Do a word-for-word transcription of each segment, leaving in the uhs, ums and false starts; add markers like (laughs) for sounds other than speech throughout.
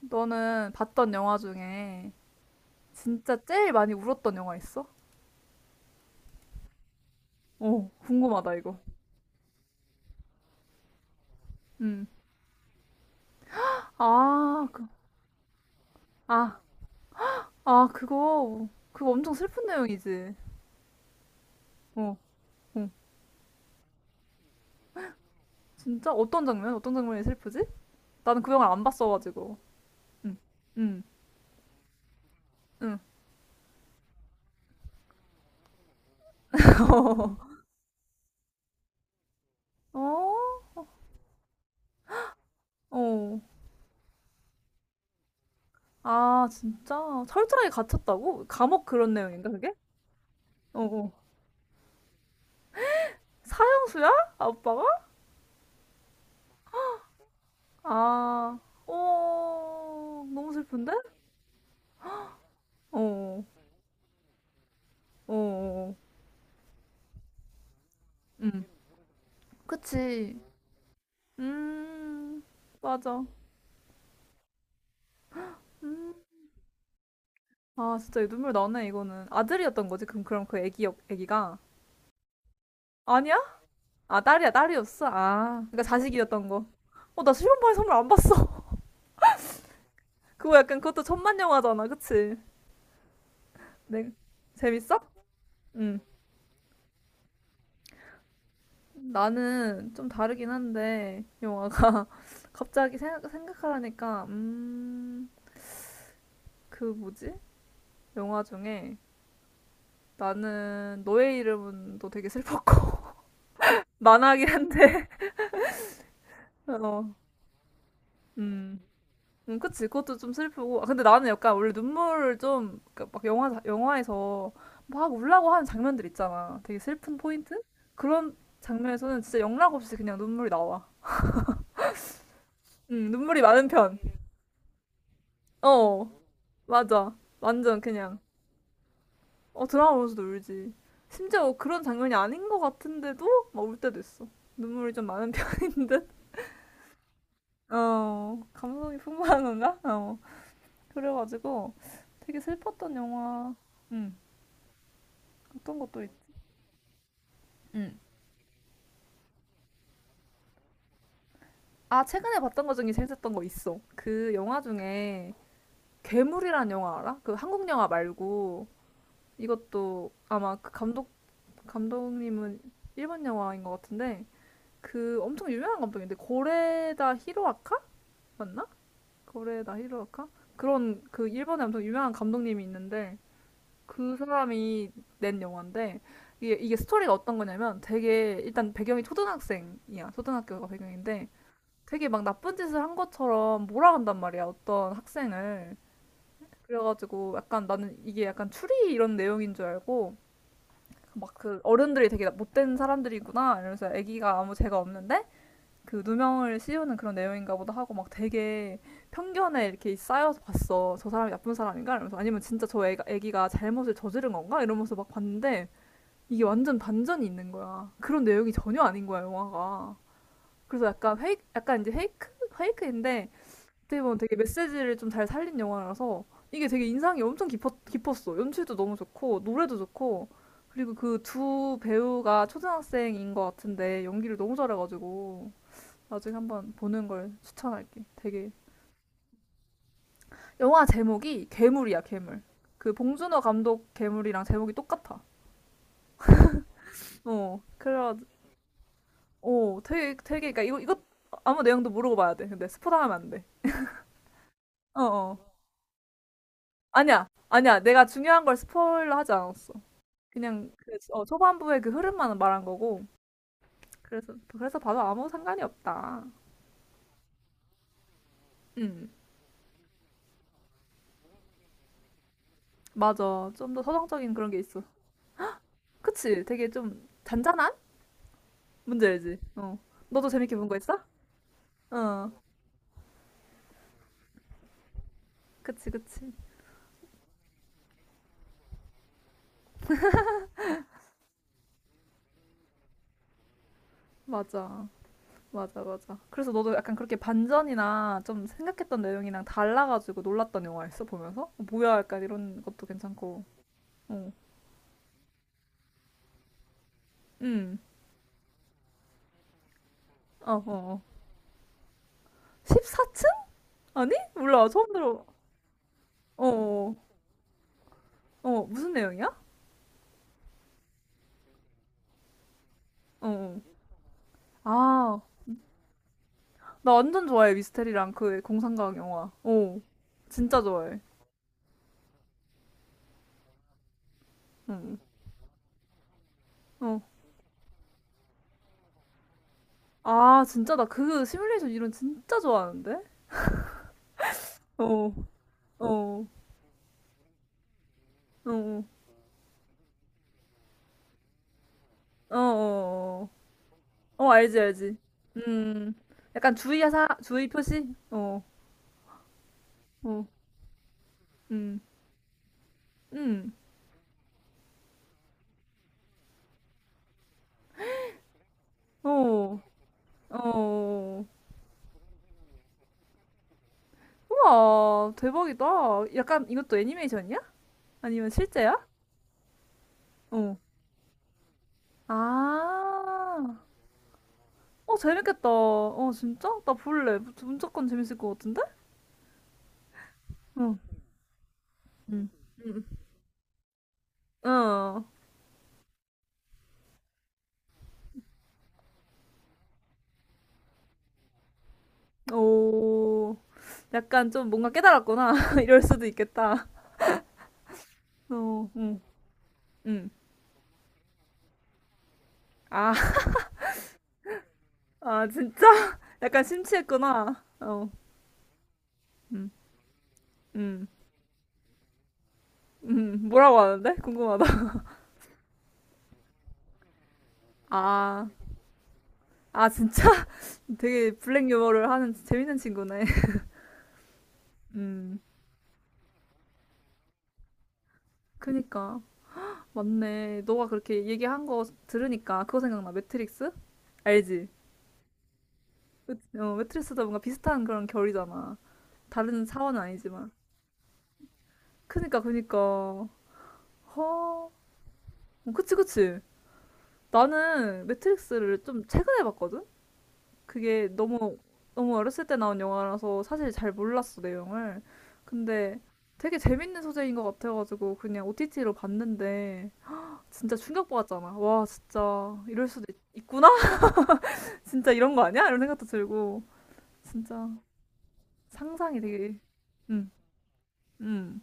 너는 봤던 영화 중에 진짜 제일 많이 울었던 영화 있어? 어, 궁금하다, 이거. 응. 아, 그, 아, 아, 그거, 그거 엄청 슬픈 내용이지. 어, 어. 진짜? 어떤 장면? 어떤 장면이 슬프지? 나는 그 영화를 안 봤어가지고. 응, 응, 응. 어? 어. 아, 진짜? 철저하게 갇혔다고? 감옥 그런 내용인가, 그게? 어, 어. 사형수야? 아빠가? 아, 어, 너무 슬픈데? 어. 어. 어, 어. 응. 그치. 음, 맞아. 아, 진짜 눈물 나네, 이거는. 아들이었던 거지? 그럼, 그럼 그 애기, 역- 애기가? 아니야? 아, 딸이야, 딸이었어? 아, 그러니까 자식이었던 거. 어, 나 실험반에 선물 안 봤어. (laughs) 그거 약간 그것도 천만 영화잖아, 그치? 네. 재밌어? 응. 나는 좀 다르긴 한데, 영화가 (laughs) 갑자기 생각, 생각하라니까, 음, 그 뭐지? 영화 중에 나는 너의 이름은도 되게 슬펐고. 만화긴 한데. (laughs) 어. 음. 음, 그치. 그것도 좀 슬프고. 아, 근데 나는 약간 원래 눈물을 좀, 그막 영화, 영화에서 막 울라고 하는 장면들 있잖아. 되게 슬픈 포인트? 그런 장면에서는 진짜 영락 없이 그냥 눈물이 나와. 음, 눈물이 많은 편. 어, 맞아. 완전 그냥. 어, 드라마 보면서도 울지. 심지어 그런 장면이 아닌 것 같은데도 막 울 때도 있어. 눈물이 좀 많은 (laughs) 편인 듯? 어, 감성이 풍부한 건가? 어. 그래가지고 되게 슬펐던 영화, 음, 어떤 것도 있, 음. 아, 최근에 봤던 것 중에 재밌었던 거 있어. 그 영화 중에 괴물이란 영화 알아? 그 한국 영화 말고 이것도 아마 그 감독 감독님은 일본 영화인 것 같은데 그 엄청 유명한 감독인데 고레다 히로아카 맞나? 고레다 히로아카 그런 그 일본에 엄청 유명한 감독님이 있는데 그 사람이 낸 영화인데 이게, 이게 스토리가 어떤 거냐면 되게 일단 배경이 초등학생이야. 초등학교가 배경인데 되게 막 나쁜 짓을 한 것처럼 몰아간단 말이야. 어떤 학생을. 그래가지고 약간 나는 이게 약간 추리 이런 내용인 줄 알고 막 그 어른들이 되게 못된 사람들이구나 이러면서 아기가 아무 죄가 없는데 그 누명을 씌우는 그런 내용인가 보다 하고 막 되게 편견에 이렇게 쌓여서 봤어. 저 사람이 나쁜 사람인가? 이러면서 아니면 진짜 저 애가, 애기가 잘못을 저지른 건가? 이러면서 막 봤는데 이게 완전 반전이 있는 거야. 그런 내용이 전혀 아닌 거야, 영화가. 그래서 약간 페이크, 약간 이제 페이크? 페이크인데, 어떻게 보면 되게 메시지를 좀 잘 살린 영화라서, 이게 되게 인상이 엄청 깊었, 깊었어. 연출도 너무 좋고, 노래도 좋고, 그리고 그 두 배우가 초등학생인 것 같은데, 연기를 너무 잘해가지고, 나중에 한번 보는 걸 추천할게. 되게. 영화 제목이 괴물이야, 괴물. 그 봉준호 감독 괴물이랑 제목이 똑같아. 어, 그래, 어, 되게, 되게, 그러니까 이거, 이거 아무 내용도 모르고 봐야 돼. 근데 스포 당하면 안 돼. 어, 어. 아니야, 아니야. 내가 중요한 걸 스포일러 하지 않았어. 그냥, 그, 어, 초반부의 그 흐름만 말한 거고. 그래서, 그래서 봐도 아무 상관이 없다. 음, 맞아. 좀 더 서정적인 그런 게 있어. 그치? 되게 좀 잔잔한? 문제지. 어. 너도 재밌게 본 거 있어? 어, 그치, 그치. 맞아. 맞아, 맞아. 그래서 너도 약간 그렇게 반전이나 좀 생각했던 내용이랑 달라가지고 놀랐던 영화였어, 보면서? 어, 뭐야, 약간 이런 것도 괜찮고. 어, 음. 어, 어, 어. 십사 층? 아니? 몰라, 처음 들어. 어, 어, 어, 무슨 내용이야? 어, 어. 아, 나 완전 좋아해, 미스테리랑 그 공상과학 영화. 어, 진짜 좋아해. 응, 어. 아, 진짜 나 그 시뮬레이션 이론 진짜 좋아하는데? 어, 어, 어, 어, 어, 어. 어. 어, 알지, 알지. 음, 약간 주의사, 주의 표시? 어, 어, 음, 음, 어, 어. 우와, 대박이다. 약간 이것도 애니메이션이야? 아니면 실제야? 어. 아, 어, 재밌겠다. 어, 진짜? 나 볼래. 무- 무조건 재밌을 것 같은데? 어, 음, 음, 어, 오. 약간 좀 뭔가 깨달았구나. (laughs) 이럴 수도 있겠다. 어, 음, 음. 아, (laughs) 아, 진짜? 약간 심취했구나. 어, 음, 음, 음, 뭐라고 하는데? 궁금하다. 아, 아, 진짜? (laughs) 되게 블랙 유머를 하는 재밌는 친구네. (laughs) 음, 그니까. 맞네. 너가 그렇게 얘기한 거 들으니까 그거 생각나. 매트릭스? 알지? 매- 어, 매트릭스도 뭔가 비슷한 그런 결이잖아. 다른 사원은 아니지만. 그니까, 그니까. 허, 어, 그치, 그치. 나는 매트릭스를 좀 최근에 봤거든? 그게 너무 너무 어렸을 때 나온 영화라서 사실 잘 몰랐어 내용을. 근데 되게 재밌는 소재인 것 같아가지고 그냥 오티티로 봤는데 진짜 충격받았잖아. 와 진짜 이럴 수도 있, 있구나. (laughs) 진짜 이런 거 아니야? 이런 생각도 들고 진짜 상상이 되게 음 음.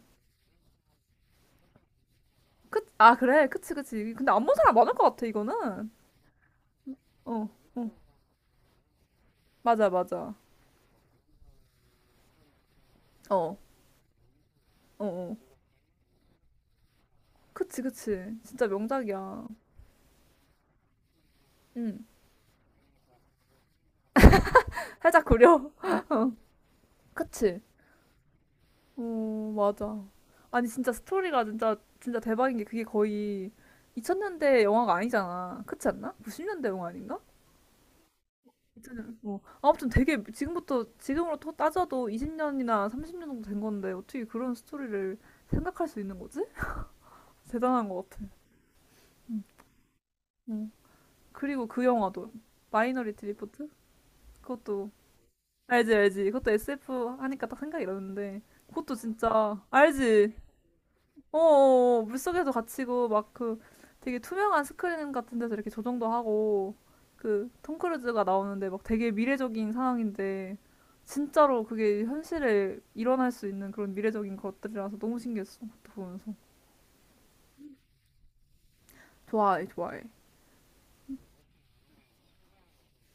그, 아 그래 그치 그치. 근데 안 본 사람 많을 것 같아 이거는. 어 어. 맞아 맞아. 어 어 어. 그치 그치. 진짜 명작이야. 응 살짝 구려. (laughs) 그치. 어 맞아. 아니, 진짜 스토리가 진짜, 진짜 대박인 게 그게 거의 이천 년대 영화가 아니잖아. 그렇지 않나? 구십 년대 영화 아닌가? 이천 년, 어. 아무튼 되게 지금부터, 지금으로 또 따져도 이십 년이나 삼십 년 정도 된 건데 어떻게 그런 스토리를 생각할 수 있는 거지? 대단한 것 같아. 응. 응. 그리고 그 영화도, 마이너리티 리포트? 그것도, 알지, 알지. 그것도 에스에프 하니까 딱 생각이 나는데, 그것도 진짜, 알지? 어, 어, 어, 물속에도 갇히고 막 그 되게 투명한 스크린 같은 데서 이렇게 조정도 하고 그 톰 크루즈가 나오는데 막 되게 미래적인 상황인데 진짜로 그게 현실에 일어날 수 있는 그런 미래적인 것들이라서 너무 신기했어. 그것도 보면서. 좋아해, 좋아해.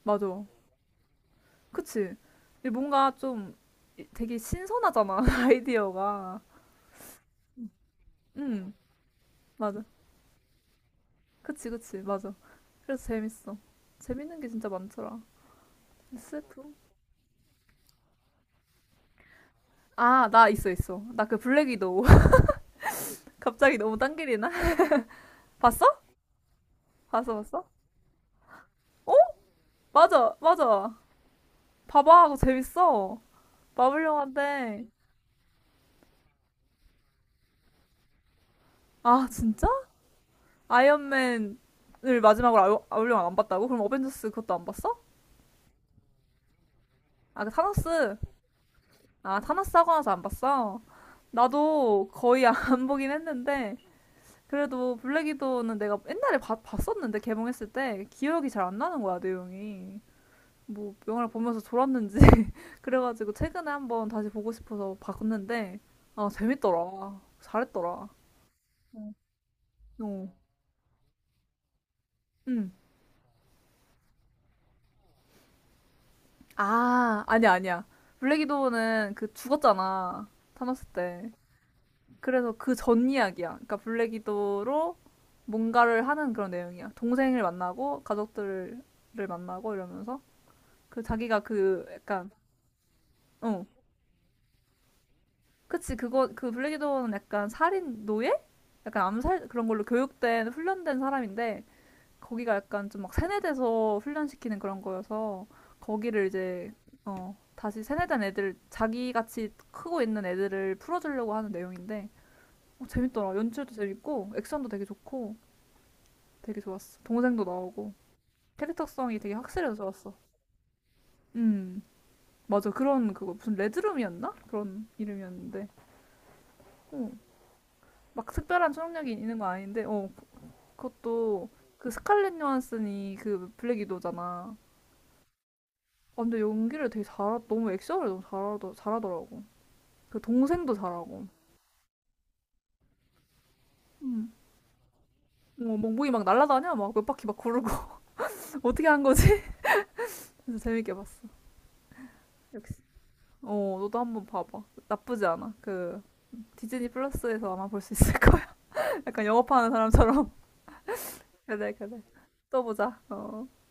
맞아. 그치? 이게 뭔가 좀 이- 되게 신선하잖아, (laughs) 아이디어가. 응, 맞아. 그치, 그치, 맞아. 그래서 재밌어. 재밌는 게 진짜 많더라. 에스에프? 아, 나 있어, 있어. 나 그 블랙 위도우. (laughs) 갑자기 너무 딴 길이나? (laughs) 봤어? 봤어, 봤어? 어? 맞아, 맞아. 봐봐, 그거 재밌어. 마블 영화인데. 아, 진짜? 아이언맨을 마지막으로 아이- 마블 영화 안 봤다고? 그럼 어벤져스 그것도 안 봤어? 아, 그 타노스. 아, 타노스 하고 나서 안 봤어. 나도 거의 (laughs) 안 보긴 했는데. 그래도 블랙 위도우는 내가 옛날에 봤- 봤었는데, 개봉했을 때. 기억이 잘 안 나는 거야, 내용이. 뭐 영화를 보면서 졸았는지 (laughs) 그래가지고 최근에 한번 다시 보고 싶어서 봤는데 아 재밌더라 잘했더라 어. 응. 아 아니야 아니야 블랙 위도우는 그 죽었잖아 타노스 때 그래서 그 전 이야기야 그러니까 블랙 위도우로 뭔가를 하는 그런 내용이야 동생을 만나고 가족들을 만나고 이러면서 그 자기가 그 약간 어 그치, 그거, 그 블랙이도어는 약간 살인 노예? 약간 암살 그런 걸로 교육된, 훈련된 사람인데, 거기가 약간 좀 막 세뇌돼서 훈련시키는 그런 거여서, 거기를 이제, 어, 다시 세뇌된 애들, 자기같이 크고 있는 애들을 풀어주려고 하는 내용인데, 어, 재밌더라. 연출도 재밌고, 액션도 되게 좋고, 되게 좋았어. 동생도 나오고, 캐릭터성이 되게 확실해서 좋았어. 음, 맞아. 그런, 그거, 무슨 레드룸이었나? 그런 이름이었는데, 어, 막 특별한 초능력이 있는 건 아닌데, 어, 그것도 그 스칼렛 요한슨이 그 블랙 위도잖아. 아, 근데 연기를 되게 잘하, 너무 액션을 너무 잘하더, 잘하더라고. 그 동생도 잘하고. 음. 뭐 몽둥이 막 날아다녀 막 몇 바퀴 막 구르고 (laughs) 어떻게 한 거지? (laughs) 그래서 재밌게 봤어. 역시. 어, 너도 한번 봐봐. 나쁘지 않아. 그 디즈니 플러스에서 아마 볼 수 있을 거야. (laughs) 약간 영업하는 사람처럼. (laughs) 그래, 그래. 또 보자. 어.